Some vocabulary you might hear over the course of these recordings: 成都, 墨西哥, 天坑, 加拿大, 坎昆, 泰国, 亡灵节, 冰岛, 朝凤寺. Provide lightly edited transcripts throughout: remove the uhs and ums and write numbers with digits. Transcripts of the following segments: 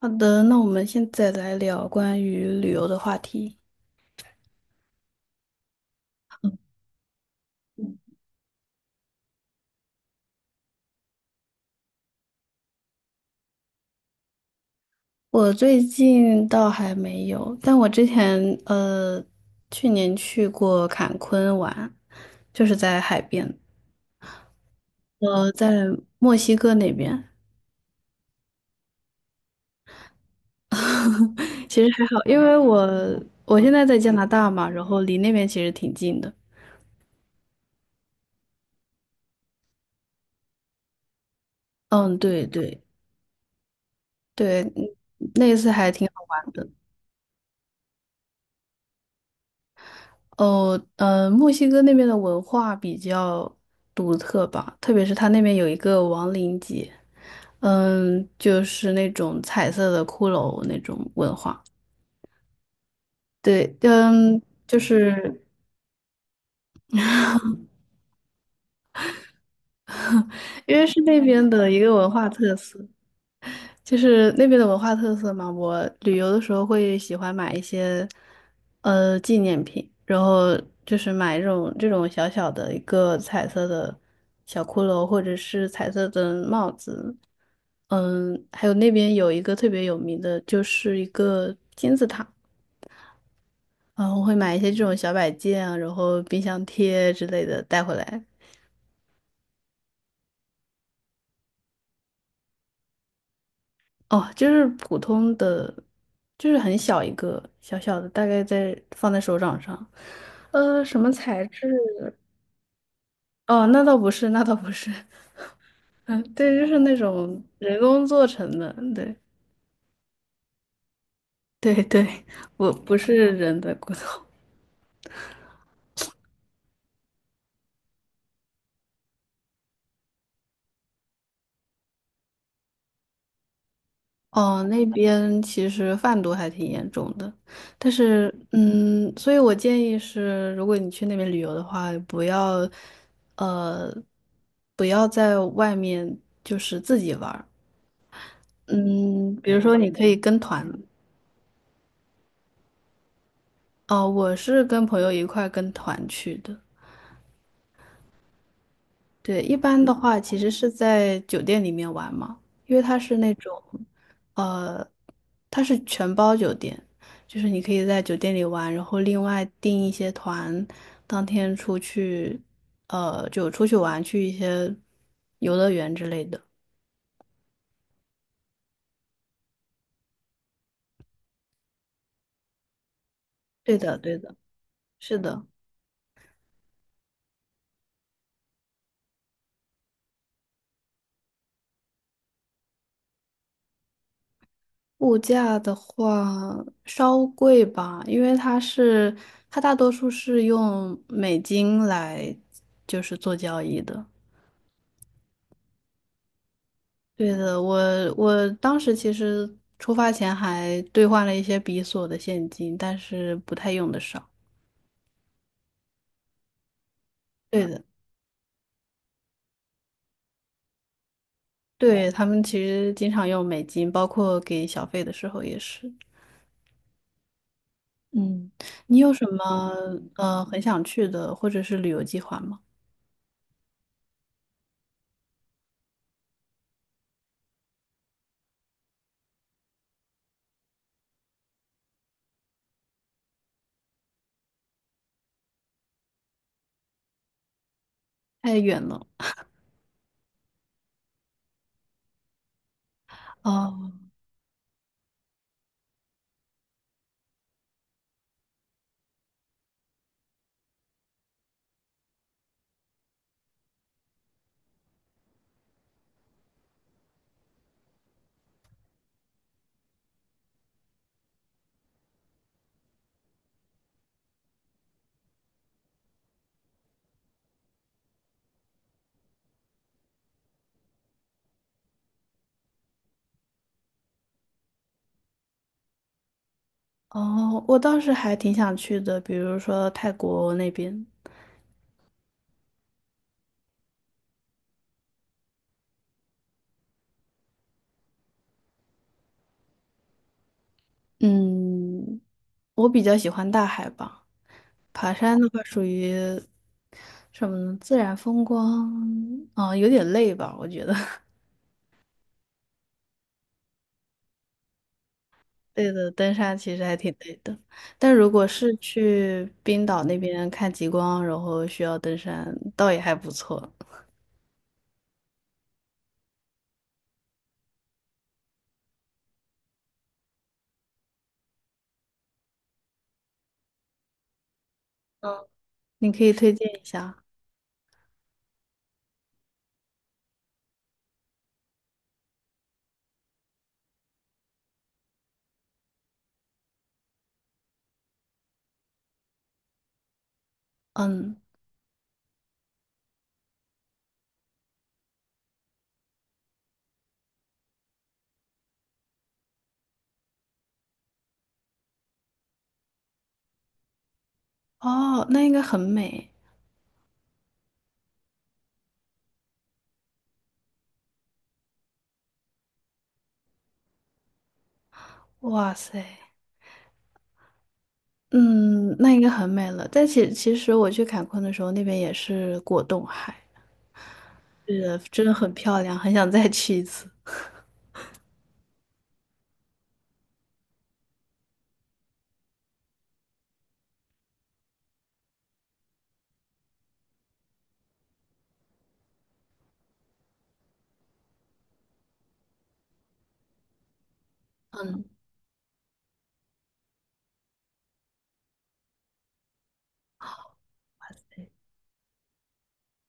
好的，那我们现在来聊关于旅游的话题。我最近倒还没有，但我之前呃，去年去过坎昆玩，就是在海边，在墨西哥那边。其实还好，因为我现在在加拿大嘛，然后离那边其实挺近的。嗯，对对对，嗯那次还挺好玩的。哦，嗯，墨西哥那边的文化比较独特吧，特别是它那边有一个亡灵节，嗯，就是那种彩色的骷髅那种文化。对，嗯，就是因为是那边的一个文化特色。就是那边的文化特色嘛，我旅游的时候会喜欢买一些呃纪念品，然后就是买这种小小的一个彩色的小骷髅，或者是彩色的帽子。嗯，还有那边有一个特别有名的，就是一个金字塔，然我会买一些这种小摆件啊，然后冰箱贴之类的带回来。哦，就是普通的，就是很小一个，小小的，大概在放在手掌上。呃，什么材质？哦，那倒不是，那倒不是。嗯，对，就是那种人工做成的。对，对对，我不是人的骨头。哦，那边其实贩毒还挺严重的，但是，嗯，所以我建议是，如果你去那边旅游的话，不要，呃，不要在外面就是自己玩。嗯，比如说你可以跟团，哦，我是跟朋友一块跟团去的。对，一般的话其实是在酒店里面玩嘛，因为它是那种，呃，它是全包酒店，就是你可以在酒店里玩，然后另外订一些团，当天出去，就出去玩，去一些游乐园之类的。对的，对的，是的。物价的话稍贵吧，因为它是它大多数是用美金来就是做交易的。对的，我当时其实出发前还兑换了一些比索的现金，但是不太用得上。对的，对，他们其实经常用美金，包括给小费的时候也是。嗯，你有什么呃很想去的或者是旅游计划吗？太远了。哦，哦，我倒是还挺想去的，比如说泰国那边。嗯，我比较喜欢大海吧，爬山的话属于什么呢？自然风光，啊、有点累吧，我觉得。累的，登山其实还挺累的，但如果是去冰岛那边看极光，然后需要登山，倒也还不错。嗯，你可以推荐一下。嗯，哦，那应该很美。哇塞！嗯，那应该很美了。但其实我去坎昆的时候，那边也是果冻海，是真的很漂亮，很想再去一次。嗯，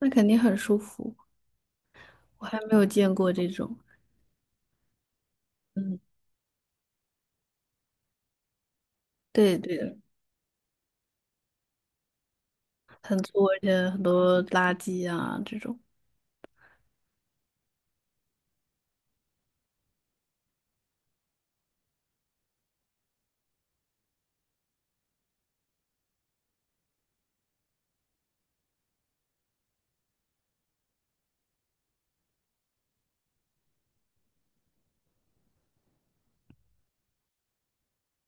那肯定很舒服，我还没有见过这种。嗯，对对的，很粗，而且很多垃圾啊这种。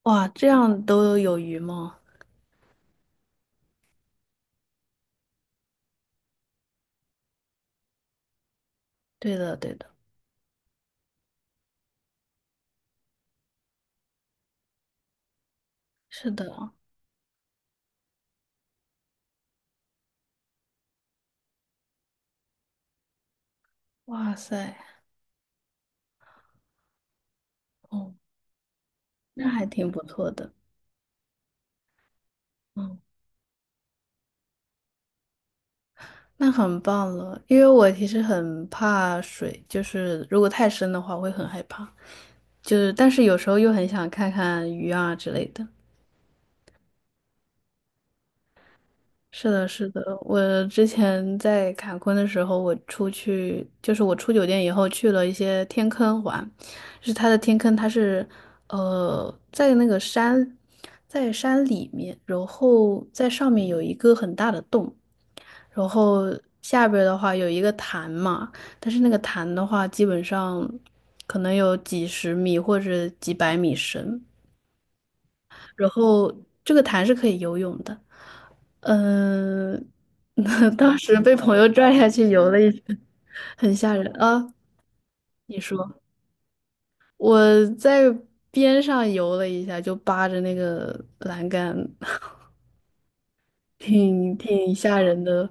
哇，这样都有鱼吗？对的对的，是的。哇塞，哦，那还挺不错的。嗯。那很棒了，因为我其实很怕水，就是如果太深的话，我会很害怕。就是，但是有时候又很想看看鱼啊之类的。是的，是的，我之前在坎昆的时候，我出去就是我出酒店以后去了一些天坑玩，就是它的天坑，它是呃在那个山，在山里面，然后在上面有一个很大的洞，然后下边儿的话有一个潭嘛，但是那个潭的话，基本上可能有几十米或者几百米深。然后这个潭是可以游泳的。嗯、当时被朋友拽下去游了一圈，很吓人啊！你说我在边上游了一下，就扒着那个栏杆，挺吓人的，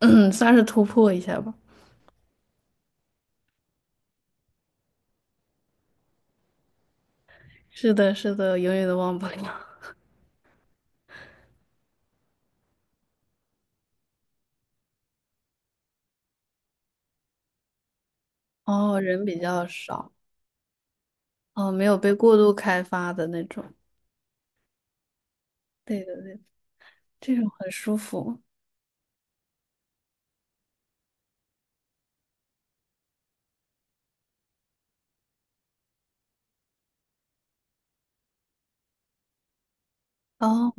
嗯，算是突破一下吧。是的，是的，永远都忘不了。哦，人比较少，哦，没有被过度开发的那种。对的，对的，这种很舒服。哦。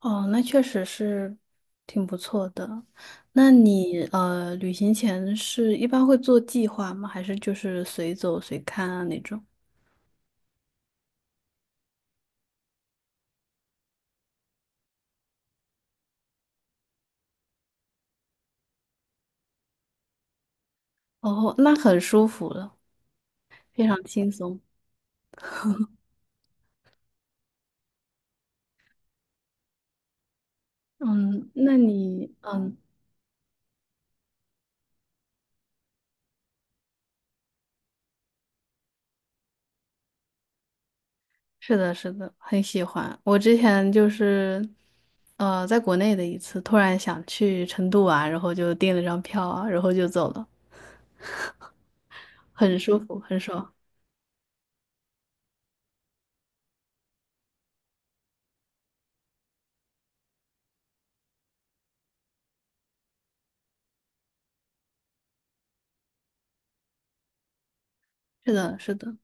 哦，那确实是挺不错的。那你呃，旅行前是一般会做计划吗？还是就是随走随看啊那种？哦，那很舒服了，非常轻松。嗯，那你嗯，是的，是的，很喜欢。我之前就是呃，在国内的一次，突然想去成都啊，然后就订了张票啊，然后就走了，很舒服，很爽。是的，是的。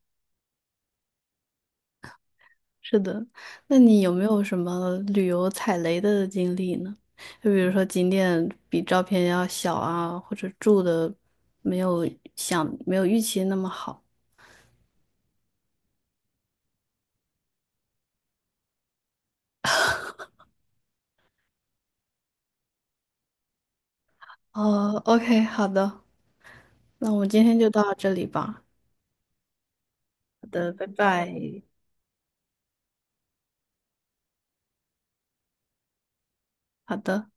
是的，那你有没有什么旅游踩雷的经历呢？就比如说景点比照片要小啊，或者住的没有想没有预期那么好。哦，OK，好的，那我们今天就到这里吧。好的，拜拜。好的，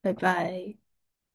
拜拜。